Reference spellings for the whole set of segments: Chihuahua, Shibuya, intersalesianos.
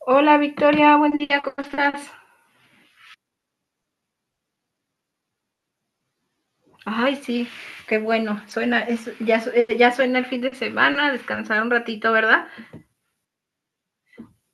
Hola Victoria, buen día, ¿cómo estás? Ay, sí, qué bueno, suena, ya suena el fin de semana, descansar un ratito, ¿verdad?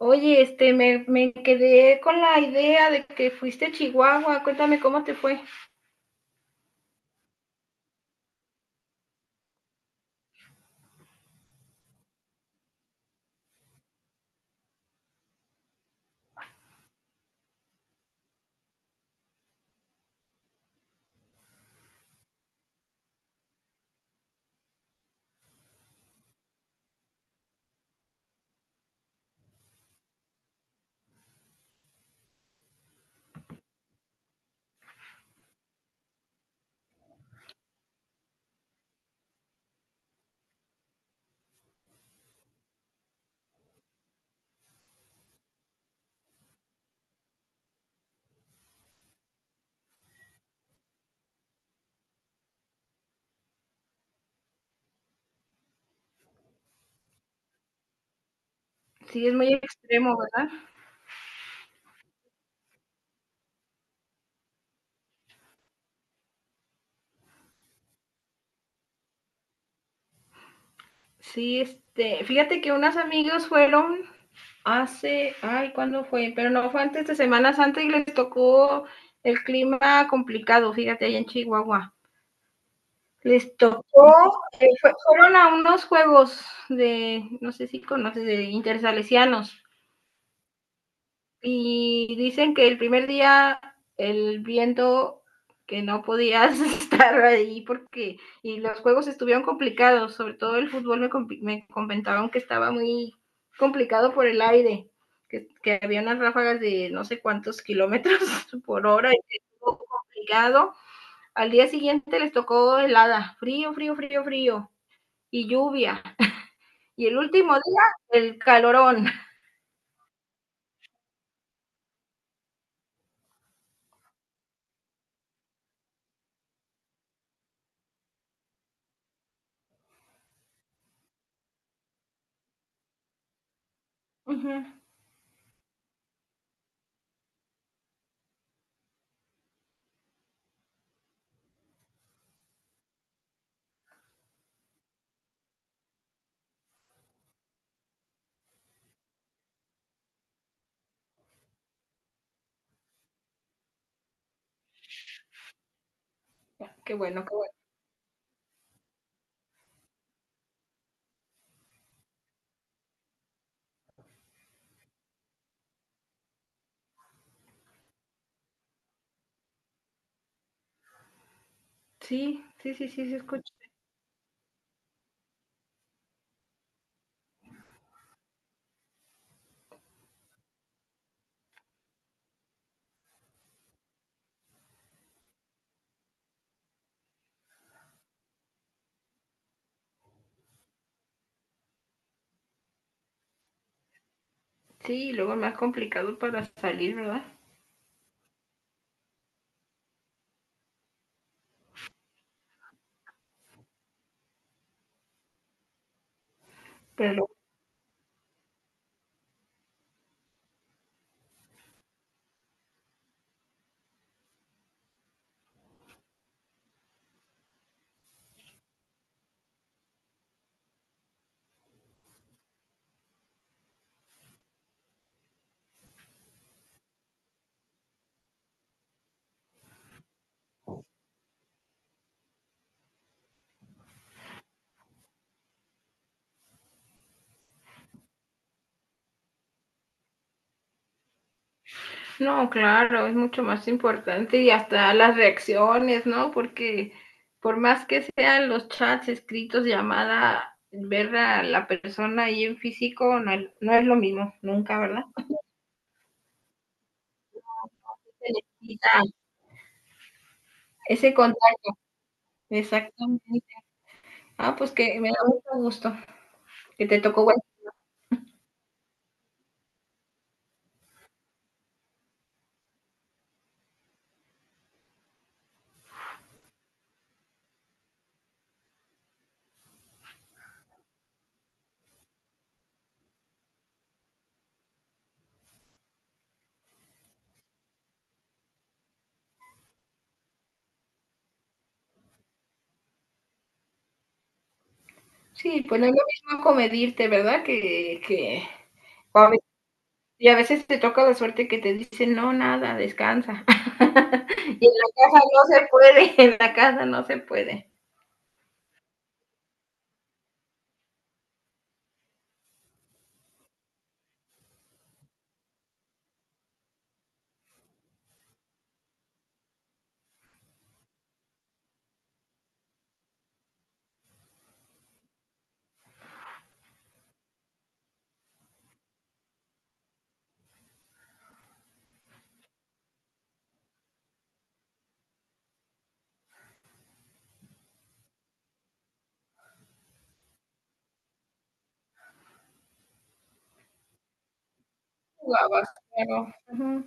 Oye, me quedé con la idea de que fuiste a Chihuahua, cuéntame cómo te fue. Sí, es muy extremo, ¿verdad? Sí, este, fíjate que unas amigos fueron hace, ay, ¿cuándo fue? Pero no fue antes de Semana Santa y les tocó el clima complicado, fíjate, allá en Chihuahua. Les tocó, fueron a unos juegos de, no sé si conoces, de intersalesianos. Y dicen que el primer día el viento que no podías estar ahí porque y los juegos estuvieron complicados, sobre todo el me comentaron que estaba muy complicado por el aire, que había unas ráfagas de no sé cuántos kilómetros por hora y estuvo complicado. Al día siguiente les tocó helada, frío, frío, frío, frío y lluvia. Y el último día, el calorón. Ujú. Qué bueno, qué bueno. Sí, sí, sí, sí, se escucha. Sí, y luego más complicado para salir, ¿verdad? Pero no, claro, es mucho más importante y hasta las reacciones, ¿no? Porque por más que sean los chats escritos, llamada, ver a la persona ahí en físico no, no es lo mismo, nunca, ¿verdad? Se necesita ese contacto, exactamente. Ah, pues que me da mucho gusto que te tocó. Sí, pues no es lo mismo comedirte, ¿verdad? Que o a veces y a veces te toca la suerte que te dicen: "No, nada, descansa". Y en la casa no se puede, en la casa no se puede. Jugabas, claro. Ujú,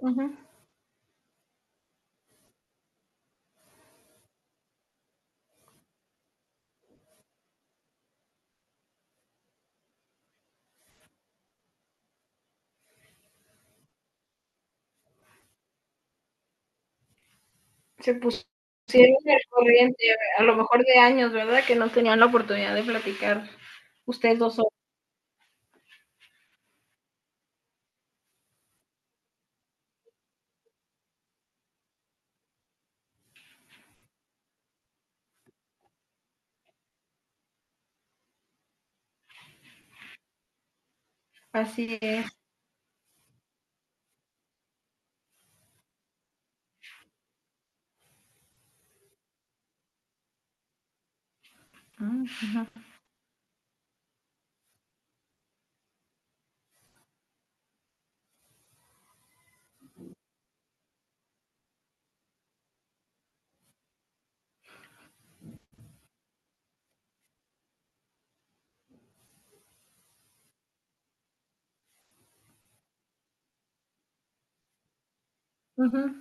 ujú. Se pusieron al corriente, a lo mejor de años, ¿verdad? Que no tenían la oportunidad de platicar ustedes dos solos. Así es. Mm, ujú.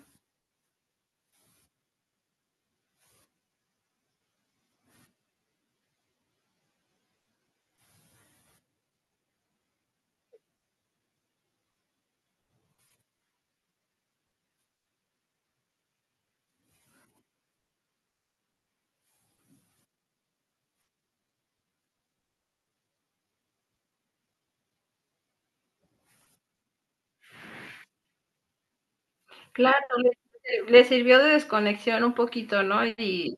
Claro, le les sirvió de desconexión un poquito, ¿no? Y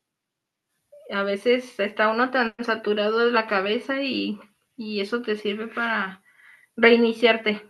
a veces está uno tan saturado de la cabeza y eso te sirve para reiniciarte.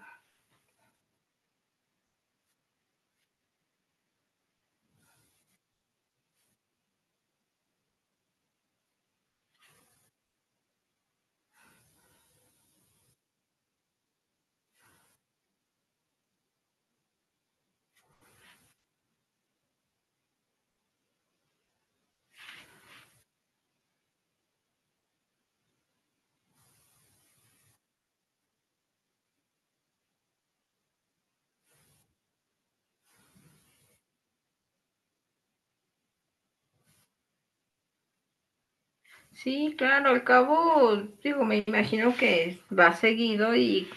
Sí, claro, al cabo, digo, me imagino que va seguido y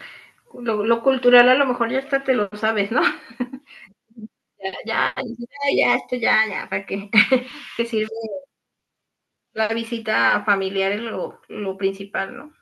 lo cultural a lo mejor ya hasta te lo sabes, ¿no? Ya, ya, ya, ya, esto ya, ya, para que sirve la visita familiar es lo principal, ¿no?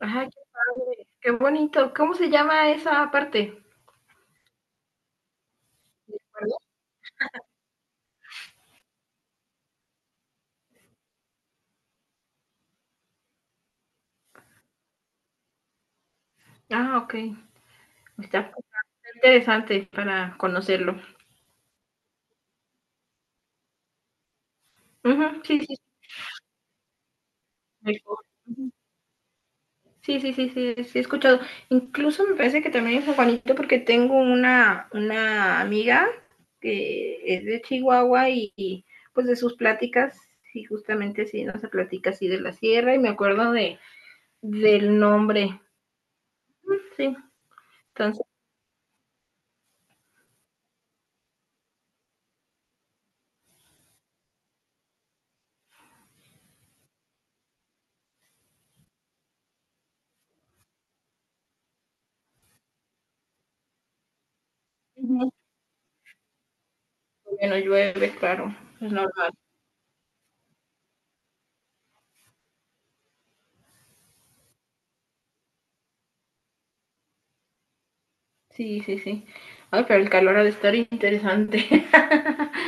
Ajá, qué padre, qué bonito. ¿Cómo se llama esa parte? Ah, ok. Está interesante para conocerlo. Ujú, sí, sí, sí. Sí, sí, sí, sí, sí, he escuchado. Incluso me parece que también es San Juanito porque tengo una amiga que es de Chihuahua pues de sus pláticas, sí, justamente sí, nos platica así de la sierra y me acuerdo de del nombre. Sí, entonces, ujú, bueno, llueve, claro, es normal. Sí, sí, sí. Ay, pero el calor ha de estar interesante.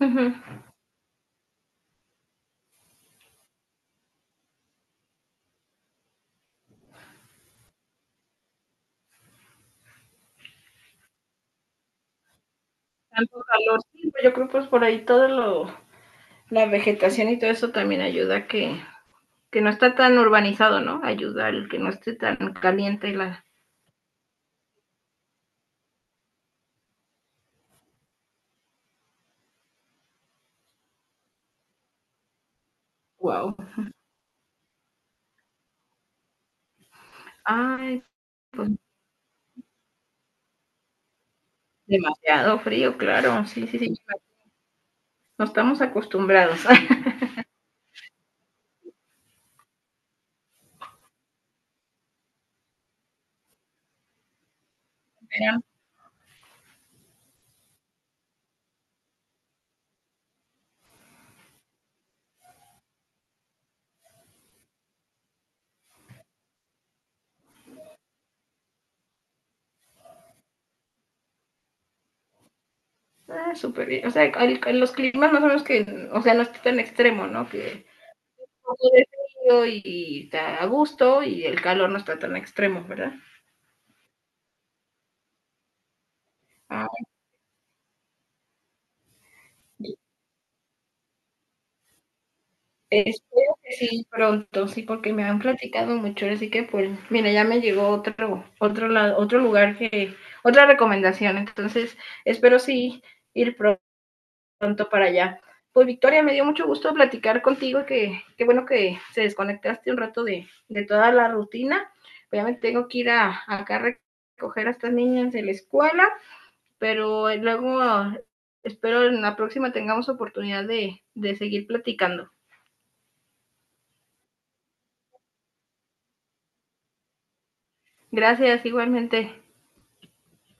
Ujú. Tanto calor. Sí, pues, yo creo pues por ahí todo lo, la vegetación y todo eso también ayuda a que no está tan urbanizado, ¿no? Ayuda al que no esté tan caliente la. Wow. Ay, pues demasiado frío, claro. Sí, sí, sí. No estamos acostumbrados. Ah, súper bien. O sea, los climas más o menos que, o sea, no está tan extremo, ¿no? Que un poco de frío y está a gusto y el calor no está tan extremo, ¿verdad? Ah, espero que sí pronto, sí, porque me han platicado mucho, así que pues, mira, ya me llegó otro lugar que, otra recomendación, entonces espero sí ir pronto para allá. Pues Victoria, me dio mucho gusto platicar contigo, que qué bueno que se desconectaste un rato de toda la rutina. Obviamente tengo que ir a, acá a recoger a estas niñas de la escuela, pero luego espero en la próxima tengamos oportunidad de seguir platicando. Gracias, igualmente.